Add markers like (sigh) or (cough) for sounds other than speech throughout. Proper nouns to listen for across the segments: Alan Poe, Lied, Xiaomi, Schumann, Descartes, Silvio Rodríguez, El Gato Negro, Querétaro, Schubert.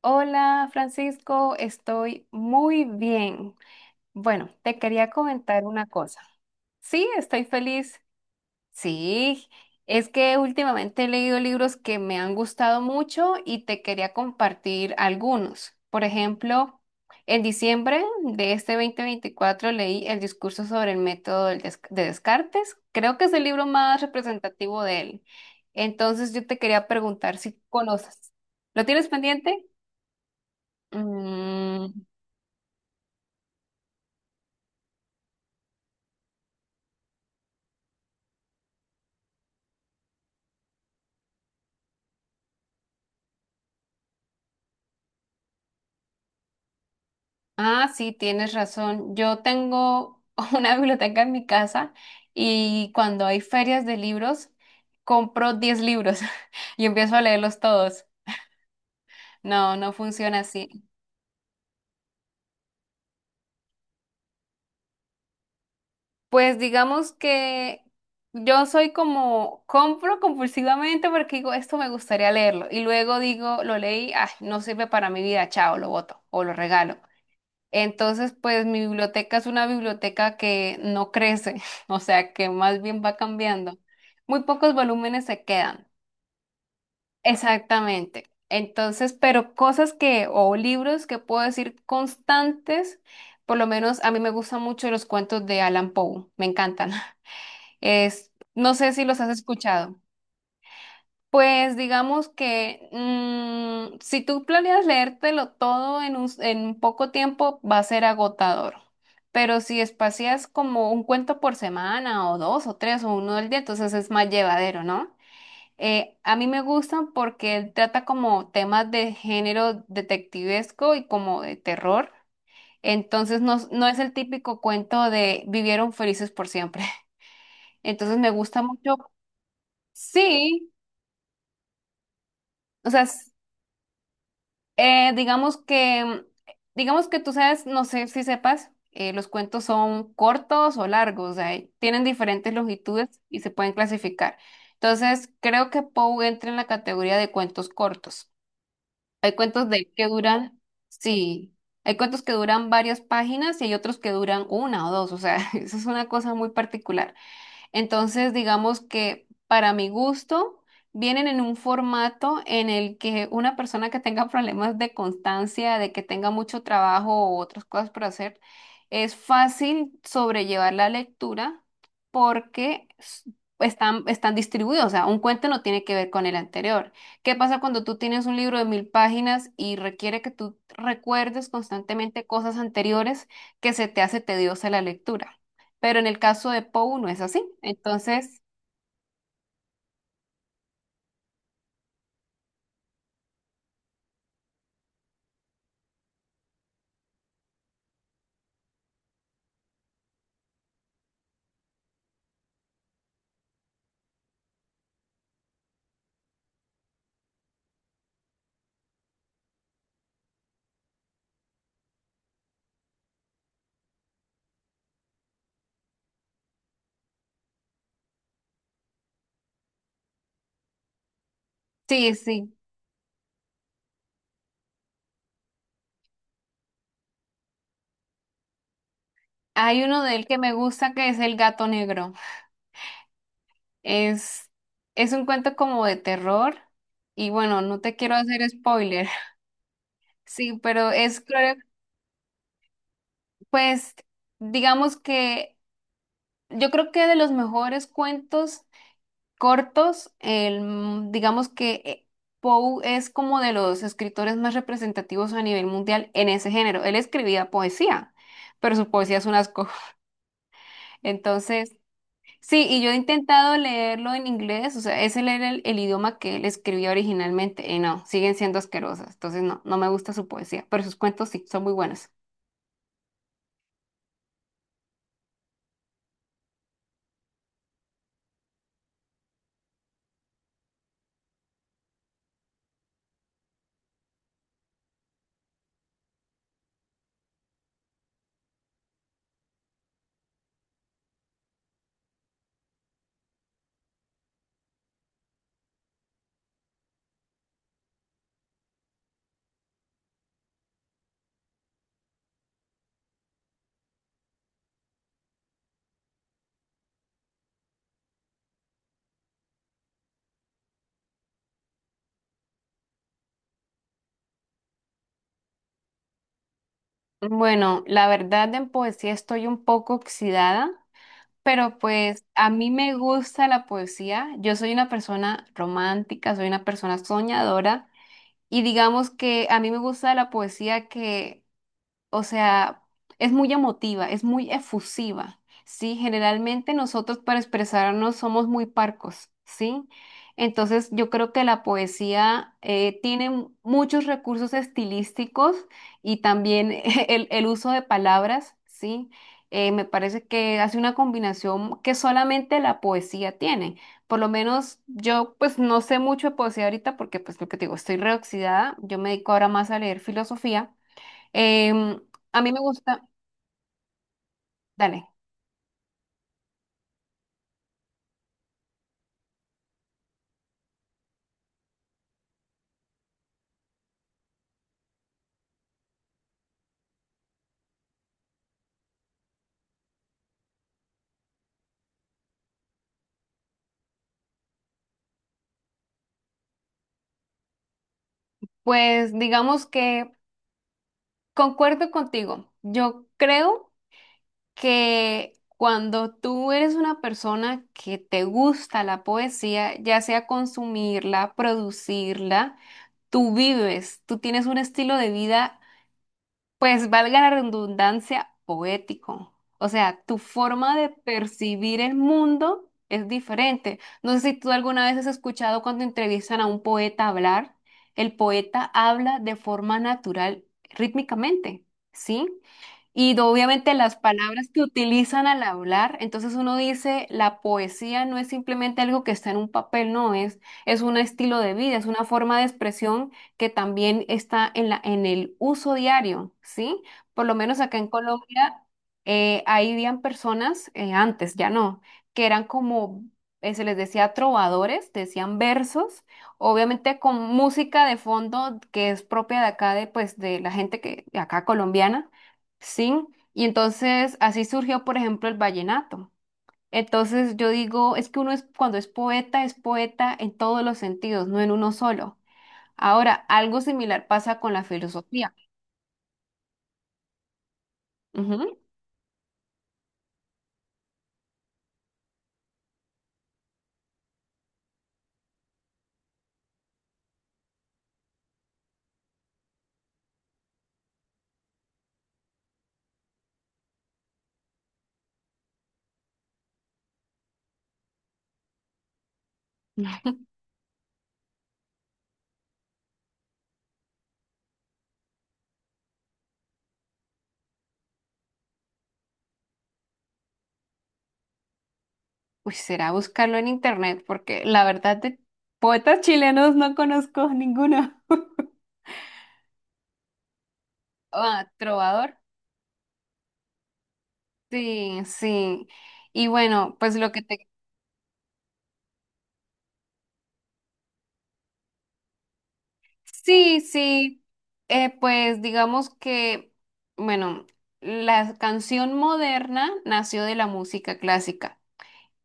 Hola Francisco, estoy muy bien. Bueno, te quería comentar una cosa. Sí, estoy feliz. Sí, es que últimamente he leído libros que me han gustado mucho y te quería compartir algunos. Por ejemplo, en diciembre de este 2024 leí El discurso sobre el método de Descartes. Creo que es el libro más representativo de él. Entonces yo te quería preguntar si conoces. ¿Lo tienes pendiente? Mm, ah, sí, tienes razón. Yo tengo (laughs) una biblioteca en mi casa y cuando hay ferias de libros, compro 10 libros (laughs) y empiezo a leerlos todos. No, no funciona así. Pues digamos que yo soy como, compro compulsivamente porque digo, esto me gustaría leerlo. Y luego digo, lo leí, ay, no sirve para mi vida, chao, lo boto o lo regalo. Entonces, pues mi biblioteca es una biblioteca que no crece, (laughs) o sea, que más bien va cambiando. Muy pocos volúmenes se quedan. Exactamente. Entonces, pero cosas que, o libros que puedo decir constantes, por lo menos a mí me gustan mucho los cuentos de Alan Poe, me encantan. (laughs) Es, no sé si los has escuchado. Pues digamos que si tú planeas leértelo todo en poco tiempo va a ser agotador, pero si espacias como un cuento por semana o dos o tres o uno al día, entonces es más llevadero, ¿no? A mí me gustan porque trata como temas de género detectivesco y como de terror, entonces no, no es el típico cuento de vivieron felices por siempre, (laughs) entonces me gusta mucho, sí. O sea, Eh, digamos que, digamos que tú sabes, no sé si sepas, los cuentos son cortos o largos, o sea, tienen diferentes longitudes y se pueden clasificar. Entonces, creo que Poe entra en la categoría de cuentos cortos. Hay cuentos de que duran. Sí, hay cuentos que duran varias páginas y hay otros que duran una o dos, o sea, (laughs) eso es una cosa muy particular. Entonces, digamos que para mi gusto, vienen en un formato en el que una persona que tenga (laughs) problemas de constancia, de que tenga mucho trabajo o otras cosas por hacer, es fácil sobrellevar la lectura porque están distribuidos. O sea, un cuento no tiene que ver con el anterior. ¿Qué pasa cuando tú tienes un libro de 1.000 páginas y requiere que tú recuerdes constantemente cosas anteriores que se te hace tediosa la lectura? Pero en el caso de Pou no es así. Entonces, sí, sí. Hay uno de él que me gusta que es El Gato Negro. Es, es un cuento como de terror y bueno, no te quiero hacer spoiler. (laughs) Sí, pero pues, digamos que yo creo que de los mejores cuentos cortos, digamos que Poe es como de los escritores más representativos a nivel mundial en ese género. Él escribía poesía, pero su poesía es un asco. (laughs) Entonces, sí, y yo he intentado leerlo en inglés, o sea, ese era el idioma que él escribía originalmente, y no, siguen siendo asquerosas, entonces no, no me gusta su poesía, pero sus cuentos sí, son muy buenos. Bueno, la verdad en poesía estoy un poco oxidada, pero pues a mí me gusta la poesía, yo soy una persona romántica, soy una persona soñadora, y digamos que a mí me gusta la poesía que, o sea, es muy emotiva, es muy efusiva, ¿sí? Generalmente nosotros para expresarnos somos muy parcos, ¿sí? Entonces yo creo que la poesía, tiene muchos recursos estilísticos y también (laughs) el uso de palabras, ¿sí? Me parece que hace una combinación que solamente la poesía tiene. Por lo menos yo, pues no sé mucho de poesía ahorita porque pues lo que te digo, estoy reoxidada, yo me dedico ahora más a leer filosofía. Em, a mí me gusta, dale, pues digamos que concuerdo contigo. Yo creo que cuando tú eres una persona que te gusta la poesía, ya sea consumirla, producirla, tú vives, tú tienes un estilo de vida, pues valga la redundancia, poético. O sea, tu forma de percibir el mundo es diferente. No sé si tú alguna vez has escuchado cuando entrevistan a un poeta hablar, el poeta habla de forma natural, rítmicamente, ¿sí? Y obviamente las palabras que utilizan al hablar, entonces uno dice, la poesía no es simplemente algo que está en un papel, no, es un estilo de vida, es una forma de expresión que también está en el uso diario, ¿sí? Por lo menos acá en Colombia, ahí habían personas, antes ya no, que eran como, se les decía trovadores, decían versos, obviamente con música de fondo que es propia de acá, de, pues, de la gente que, de acá colombiana. Sí, y entonces así surgió, por ejemplo, el vallenato. Entonces yo digo, es que uno es, cuando es poeta en todos los sentidos, no en uno solo. Ahora, algo similar pasa con la filosofía. Ujú. Pues será buscarlo en internet, porque la verdad de poetas chilenos no conozco ninguno. (laughs) Ah, trovador. Sí, sí. Y bueno, pues lo que te. Sí, sí, pues digamos que, bueno, la canción moderna nació de la música clásica.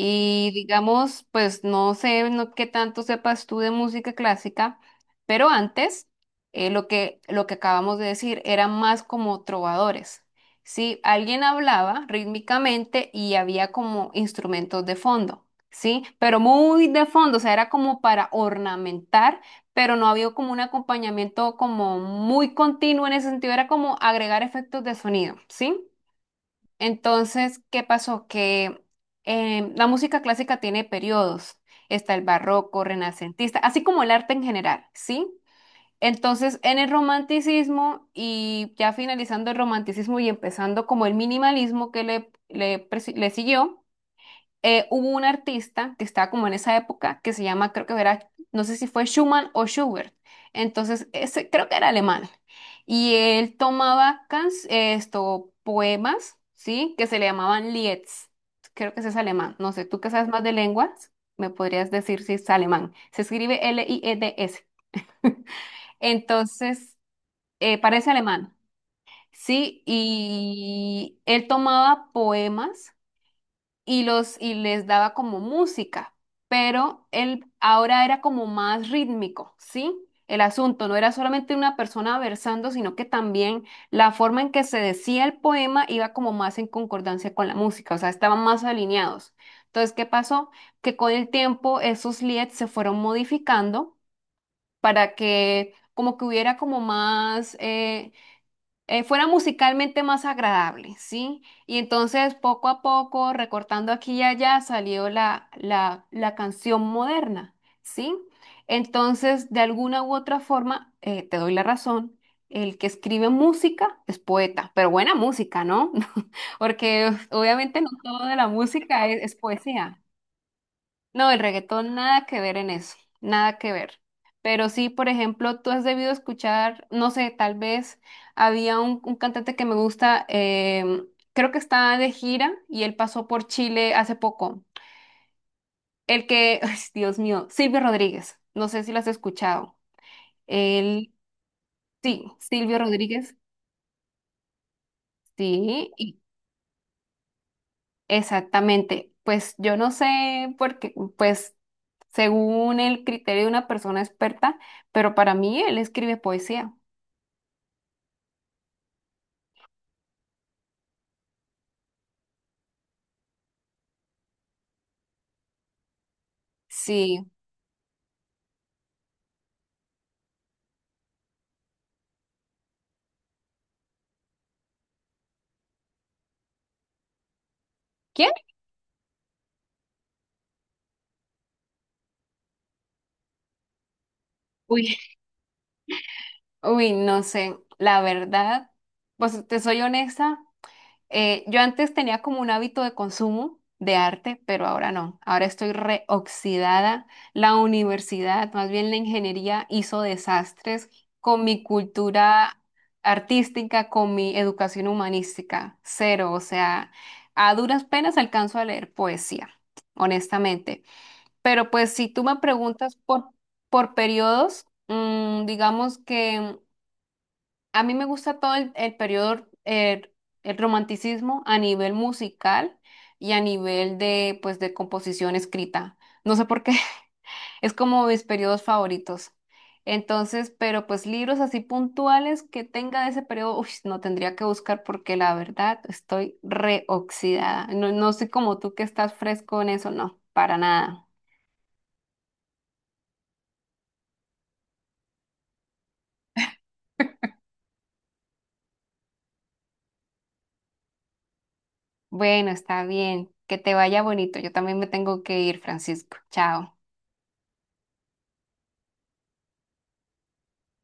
Y digamos, pues no sé no, qué tanto sepas tú de música clásica, pero antes, lo que acabamos de decir eran más como trovadores. Sí, alguien hablaba rítmicamente y había como instrumentos de fondo, sí, pero muy de fondo, o sea, era como para ornamentar, pero no había como un acompañamiento como muy continuo en ese sentido, era como agregar efectos de sonido, ¿sí? Entonces, ¿qué pasó? Que la música clásica tiene periodos. Está el barroco, renacentista, así como el arte en general, ¿sí? Entonces, en el romanticismo y ya finalizando el romanticismo y empezando como el minimalismo que le siguió, hubo un artista que estaba como en esa época que se llama, creo que era, no sé si fue Schumann o Schubert. Entonces, ese creo que era alemán. Y él tomaba poemas, ¿sí? Que se le llamaban Lieds. Creo que ese es alemán. No sé, tú que sabes más de lenguas, me podrías decir si es alemán. Se escribe LIEDS. (laughs) Entonces, parece alemán, ¿sí? Y él tomaba poemas y les daba como música, pero él ahora era como más rítmico, ¿sí? El asunto no era solamente una persona versando, sino que también la forma en que se decía el poema iba como más en concordancia con la música, o sea, estaban más alineados. Entonces, ¿qué pasó? Que con el tiempo esos lieds se fueron modificando para que como que hubiera como más, fuera musicalmente más agradable, ¿sí? Y entonces poco a poco, recortando aquí y allá, salió la canción moderna, ¿sí? Entonces, de alguna u otra forma, te doy la razón, el que escribe música es poeta, pero buena música, ¿no? (laughs) Porque obviamente no todo de la música es poesía. No, el reggaetón nada que ver en eso, nada que ver. Pero sí, por ejemplo, tú has debido escuchar, no sé, tal vez había un cantante que me gusta, creo que está de gira y él pasó por Chile hace poco. El que, (laughs) ay, Dios mío, Silvio Rodríguez, no sé si lo has escuchado. Él, sí, Silvio Rodríguez, sí, exactamente. Pues yo no sé, porque, pues, según el criterio de una persona experta, pero para mí él escribe poesía. Sí. ¿Quién? Uy, uy, no sé, la verdad, pues te soy honesta, yo antes tenía como un hábito de consumo de arte, pero ahora no, ahora estoy reoxidada. La universidad, más bien la ingeniería, hizo desastres con mi cultura artística, con mi educación humanística, cero, o sea, a duras penas alcanzo a leer poesía, honestamente. Pero pues si tú me preguntas por periodos, digamos que a mí me gusta todo el periodo, romanticismo a nivel musical y a nivel de, pues, de composición escrita. No sé por qué, (laughs) es como mis periodos favoritos. Entonces, pero pues libros así puntuales que tenga de ese periodo, uy, no tendría que buscar porque la verdad estoy reoxidada. No, no soy como tú que estás fresco en eso, no, para nada. Bueno, está bien. Que te vaya bonito. Yo también me tengo que ir, Francisco. Chao.